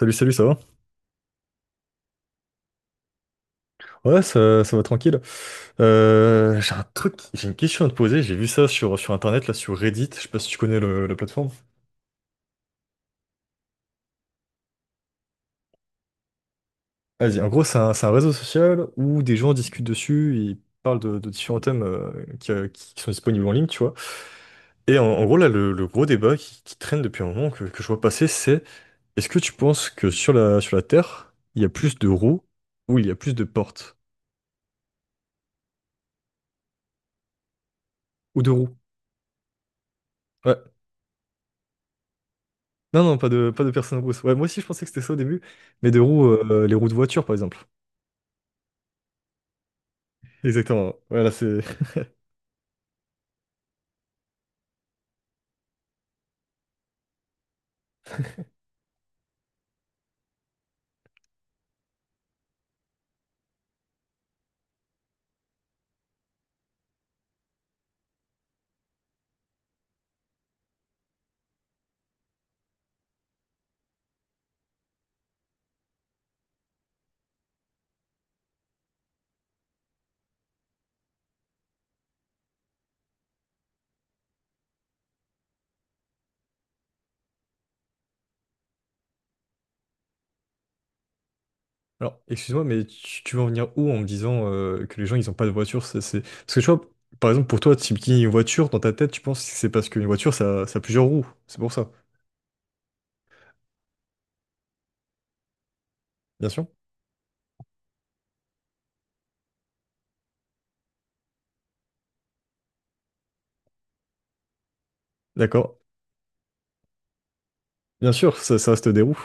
Salut, salut, ça va? Ouais, ça va tranquille. J'ai une question à te poser. J'ai vu ça sur Internet, là, sur Reddit. Je sais pas si tu connais la plateforme. Vas-y, en gros, c'est un réseau social où des gens discutent dessus, ils parlent de différents thèmes qui sont disponibles en ligne, tu vois. Et en gros, là, le gros débat qui traîne depuis un moment, que je vois passer, c'est est-ce que tu penses que sur la Terre, il y a plus de roues ou il y a plus de portes? Ou de roues? Ouais. Non, non, pas de personnes en rousse. Ouais, moi aussi, je pensais que c'était ça au début, mais de roues, les roues de voiture, par exemple. Exactement. Voilà, c'est. Alors, excuse-moi, mais tu veux en venir où en me disant que les gens, ils ont pas de voiture? Parce que tu vois, par exemple, pour toi, si tu une voiture, dans ta tête, tu penses que c'est parce qu'une voiture, ça a plusieurs roues. C'est pour ça. Bien sûr. D'accord. Bien sûr, ça reste des roues.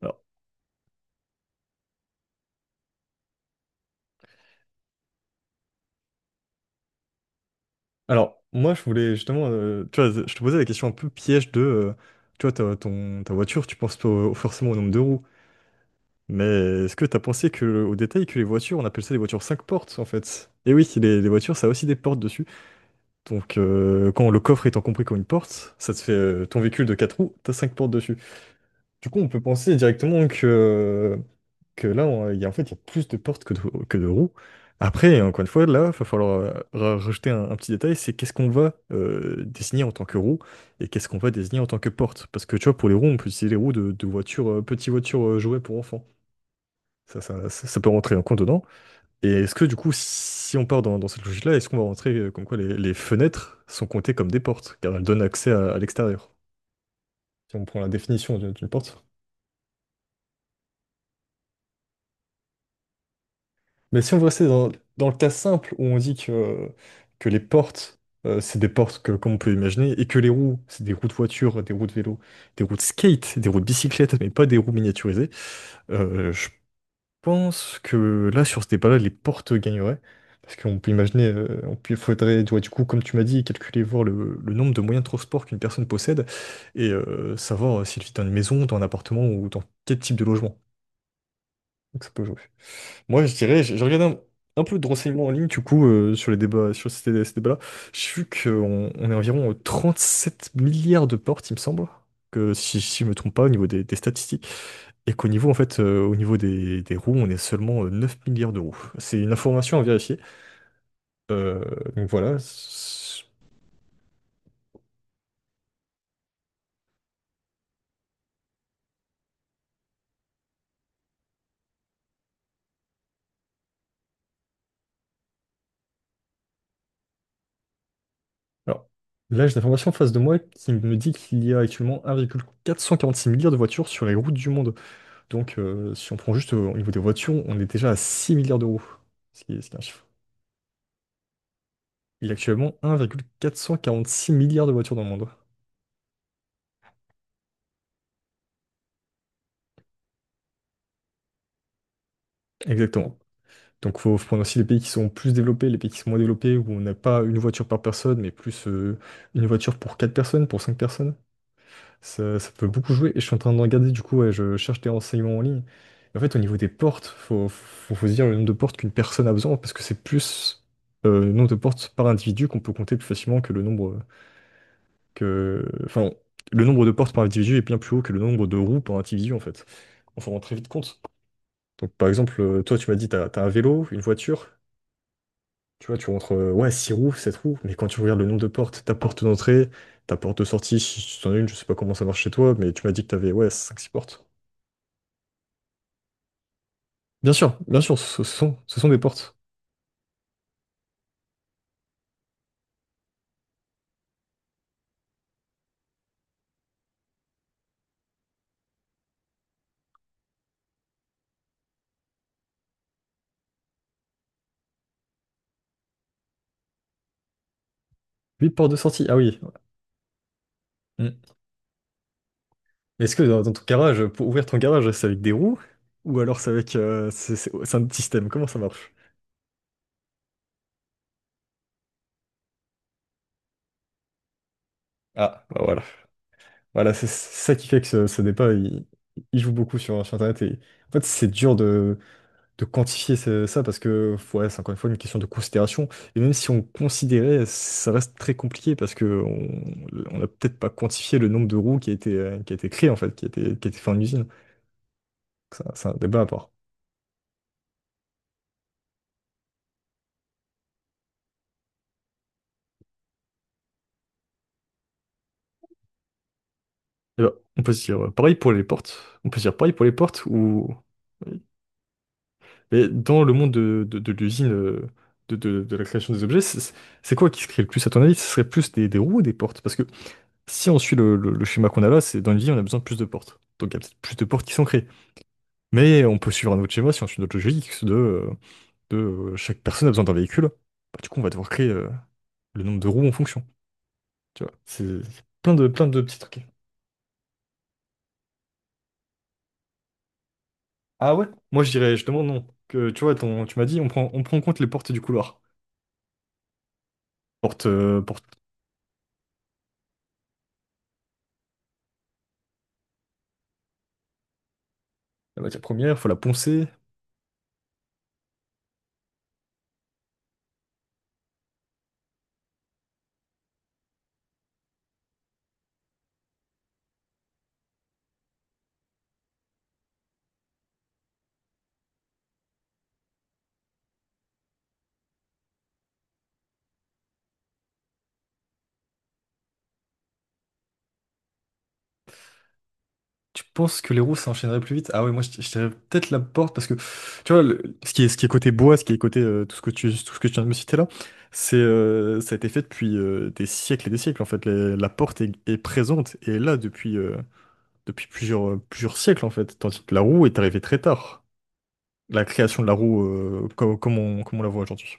Alors, alors, moi, je voulais justement. Tu vois, je te posais la question un peu piège de. Tu vois, ta voiture, tu penses pas forcément au nombre de roues. Mais est-ce que t'as pensé que, au détail que les voitures, on appelle ça des voitures 5 portes en fait? Et oui, les voitures, ça a aussi des portes dessus. Donc quand le coffre étant compris comme une porte, ça te fait ton véhicule de 4 roues, t'as 5 portes dessus. Du coup, on peut penser directement que, là, il y a, en fait, il y a plus de portes que de roues. Après, encore une fois, là, il va falloir rajouter un petit détail, c'est qu'est-ce qu'on va désigner en tant que roue et qu'est-ce qu'on va désigner en tant que porte. Parce que tu vois, pour les roues, on peut utiliser les roues de, voitures, petites voitures jouets pour enfants. Ça peut rentrer en compte dedans. Et est-ce que du coup, si on part dans, cette logique-là, est-ce qu'on va rentrer comme quoi les fenêtres sont comptées comme des portes, car elles donnent accès à, l'extérieur, si on prend la définition d'une porte. Mais si on veut rester dans, le cas simple où on dit que les portes, c'est des portes que, comme on peut imaginer, et que les roues, c'est des roues de voiture, des roues de vélo, des roues de skate, des roues de bicyclette, mais pas des roues miniaturisées, je pense que là, sur ce débat-là, les portes gagneraient. Parce qu'on peut imaginer, faudrait, tu vois, du coup, comme tu m'as dit, calculer, voir le nombre de moyens de transport qu'une personne possède et savoir s'il vit dans une maison, dans un appartement ou dans quel type de logement. Donc ça peut jouer. Moi, je dirais, j'ai regardé un peu de renseignements en ligne, du coup, sur les débats, sur ces débats-là. J'ai vu qu'on on est environ 7 milliards de portes, il me semble, que si je me trompe pas, au niveau des statistiques et qu'au niveau, en fait, au niveau des roues, on est seulement 9 milliards de roues. C'est une information à vérifier. Euh, donc voilà. Alors, là, j'ai l'information en face de moi qui me dit qu'il y a actuellement un virgule quatre cent quarante-six milliards de voitures sur les routes du monde. Donc, si on prend juste au niveau des voitures, on est déjà à 6 milliards de roues, ce qui est un chiffre. Il y a actuellement 1,446 milliards de voitures dans le monde. Exactement. Donc, il faut prendre aussi les pays qui sont plus développés, les pays qui sont moins développés, où on n'a pas une voiture par personne, mais plus une voiture pour 4 personnes, pour 5 personnes. Ça peut beaucoup jouer. Et je suis en train de regarder, du coup, ouais, je cherche des renseignements en ligne. En fait, au niveau des portes, faut se dire le nombre de portes qu'une personne a besoin, parce que c'est plus le nombre de portes par individu qu'on peut compter plus facilement que le nombre que. Enfin, le nombre de portes par individu est bien plus haut que le nombre de roues par individu, en fait. Enfin, on s'en rend très vite compte. Donc, par exemple, toi, tu m'as dit, t'as un vélo, une voiture. Tu vois, tu rentres, ouais, 6 roues, 7 roues, mais quand tu regardes le nombre de portes, ta porte d'entrée, ta porte de sortie, si tu en as une, je sais pas comment ça marche chez toi, mais tu m'as dit que t'avais, ouais, 5-6 portes. Bien sûr, ce sont des portes. 8 portes de sortie, ah oui. Mm. Mais est-ce que dans, ton garage, pour ouvrir ton garage, c'est avec des roues? Ou alors c'est avec, c'est un système, comment ça marche? Ah, bah voilà. Voilà, c'est ça qui fait que ce débat, il joue beaucoup sur Internet. Et, en fait, c'est dur de quantifier ça parce que ouais, c'est encore une fois une question de considération. Et même si on considérait, ça reste très compliqué parce que on n'a peut-être pas quantifié le nombre de roues qui a été créé en fait, qui a été fait en usine. Donc ça, c'est un débat à part. Et ben, on peut se dire pareil pour les portes. On peut se dire pareil pour les portes ou mais dans le monde de, de l'usine, de, de la création des objets, c'est quoi qui se crée le plus à ton avis? Ce serait plus des roues ou des portes? Parce que si on suit le, le schéma qu'on a là, c'est dans une vie, on a besoin de plus de portes. Donc il y a peut-être plus de portes qui sont créées. Mais on peut suivre un autre schéma, si on suit notre logique, de chaque personne a besoin d'un véhicule. Bah, du coup, on va devoir créer le nombre de roues en fonction. Tu vois, c'est plein de petits trucs. Ah ouais? Moi, je dirais, je demande non. Que, tu vois, tu m'as dit, on prend en compte les portes du couloir. Porte, euh, porte, la matière première, faut la poncer, Tu penses que les roues s'enchaîneraient plus vite? Ah ouais, moi je dirais peut-être la porte parce que tu vois, ce qui est côté bois, ce qui est côté tout ce que tu viens de me citer là, c'est ça a été fait depuis des siècles et des siècles en fait. La porte est présente et est là depuis plusieurs siècles en fait, tandis que la roue est arrivée très tard. La création de la roue comme on la voit aujourd'hui.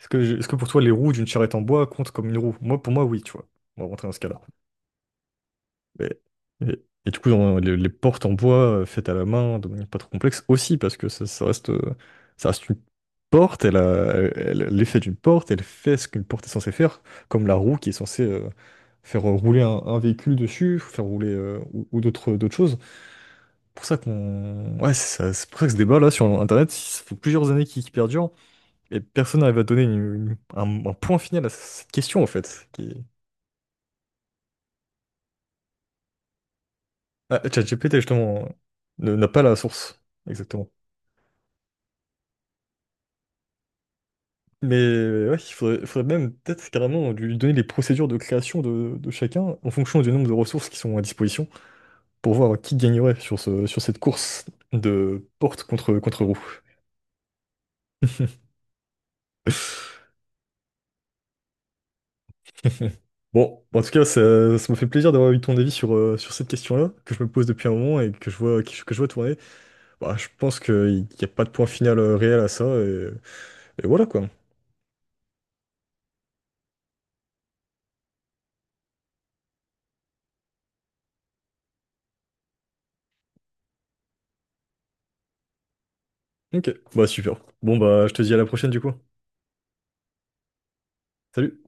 Est-ce que pour toi les roues d'une charrette en bois comptent comme une roue? Moi, pour moi, oui, tu vois. On va rentrer dans ce cas-là. Et, et du coup, les portes en bois faites à la main, de manière pas trop complexe, aussi, parce que ça reste, ça reste une porte, elle a, elle- elle- l'effet d'une porte, elle fait ce qu'une porte est censée faire, comme la roue qui est censée faire rouler un véhicule dessus, faire rouler ou, d'autres choses. C'est pour ça qu'on... Ouais, c'est pour ça que ce débat-là sur Internet, ça fait plusieurs années qu'il perdure, et personne n'arrive à donner un point final à cette question, en fait. Ah, ChatGPT, justement, n'a pas la source. Exactement. Mais ouais, il faudrait même peut-être carrément lui donner les procédures de création de chacun en fonction du nombre de ressources qui sont à disposition pour voir qui gagnerait sur sur cette course de porte contre roue. Bon, en tout cas, ça me fait plaisir d'avoir eu ton avis sur cette question-là, que je me pose depuis un moment et que je vois tourner. Bah, je pense qu'il n'y a pas de point final réel à ça et voilà quoi. Ok, bah super. Bon, bah je te dis à la prochaine du coup. Salut.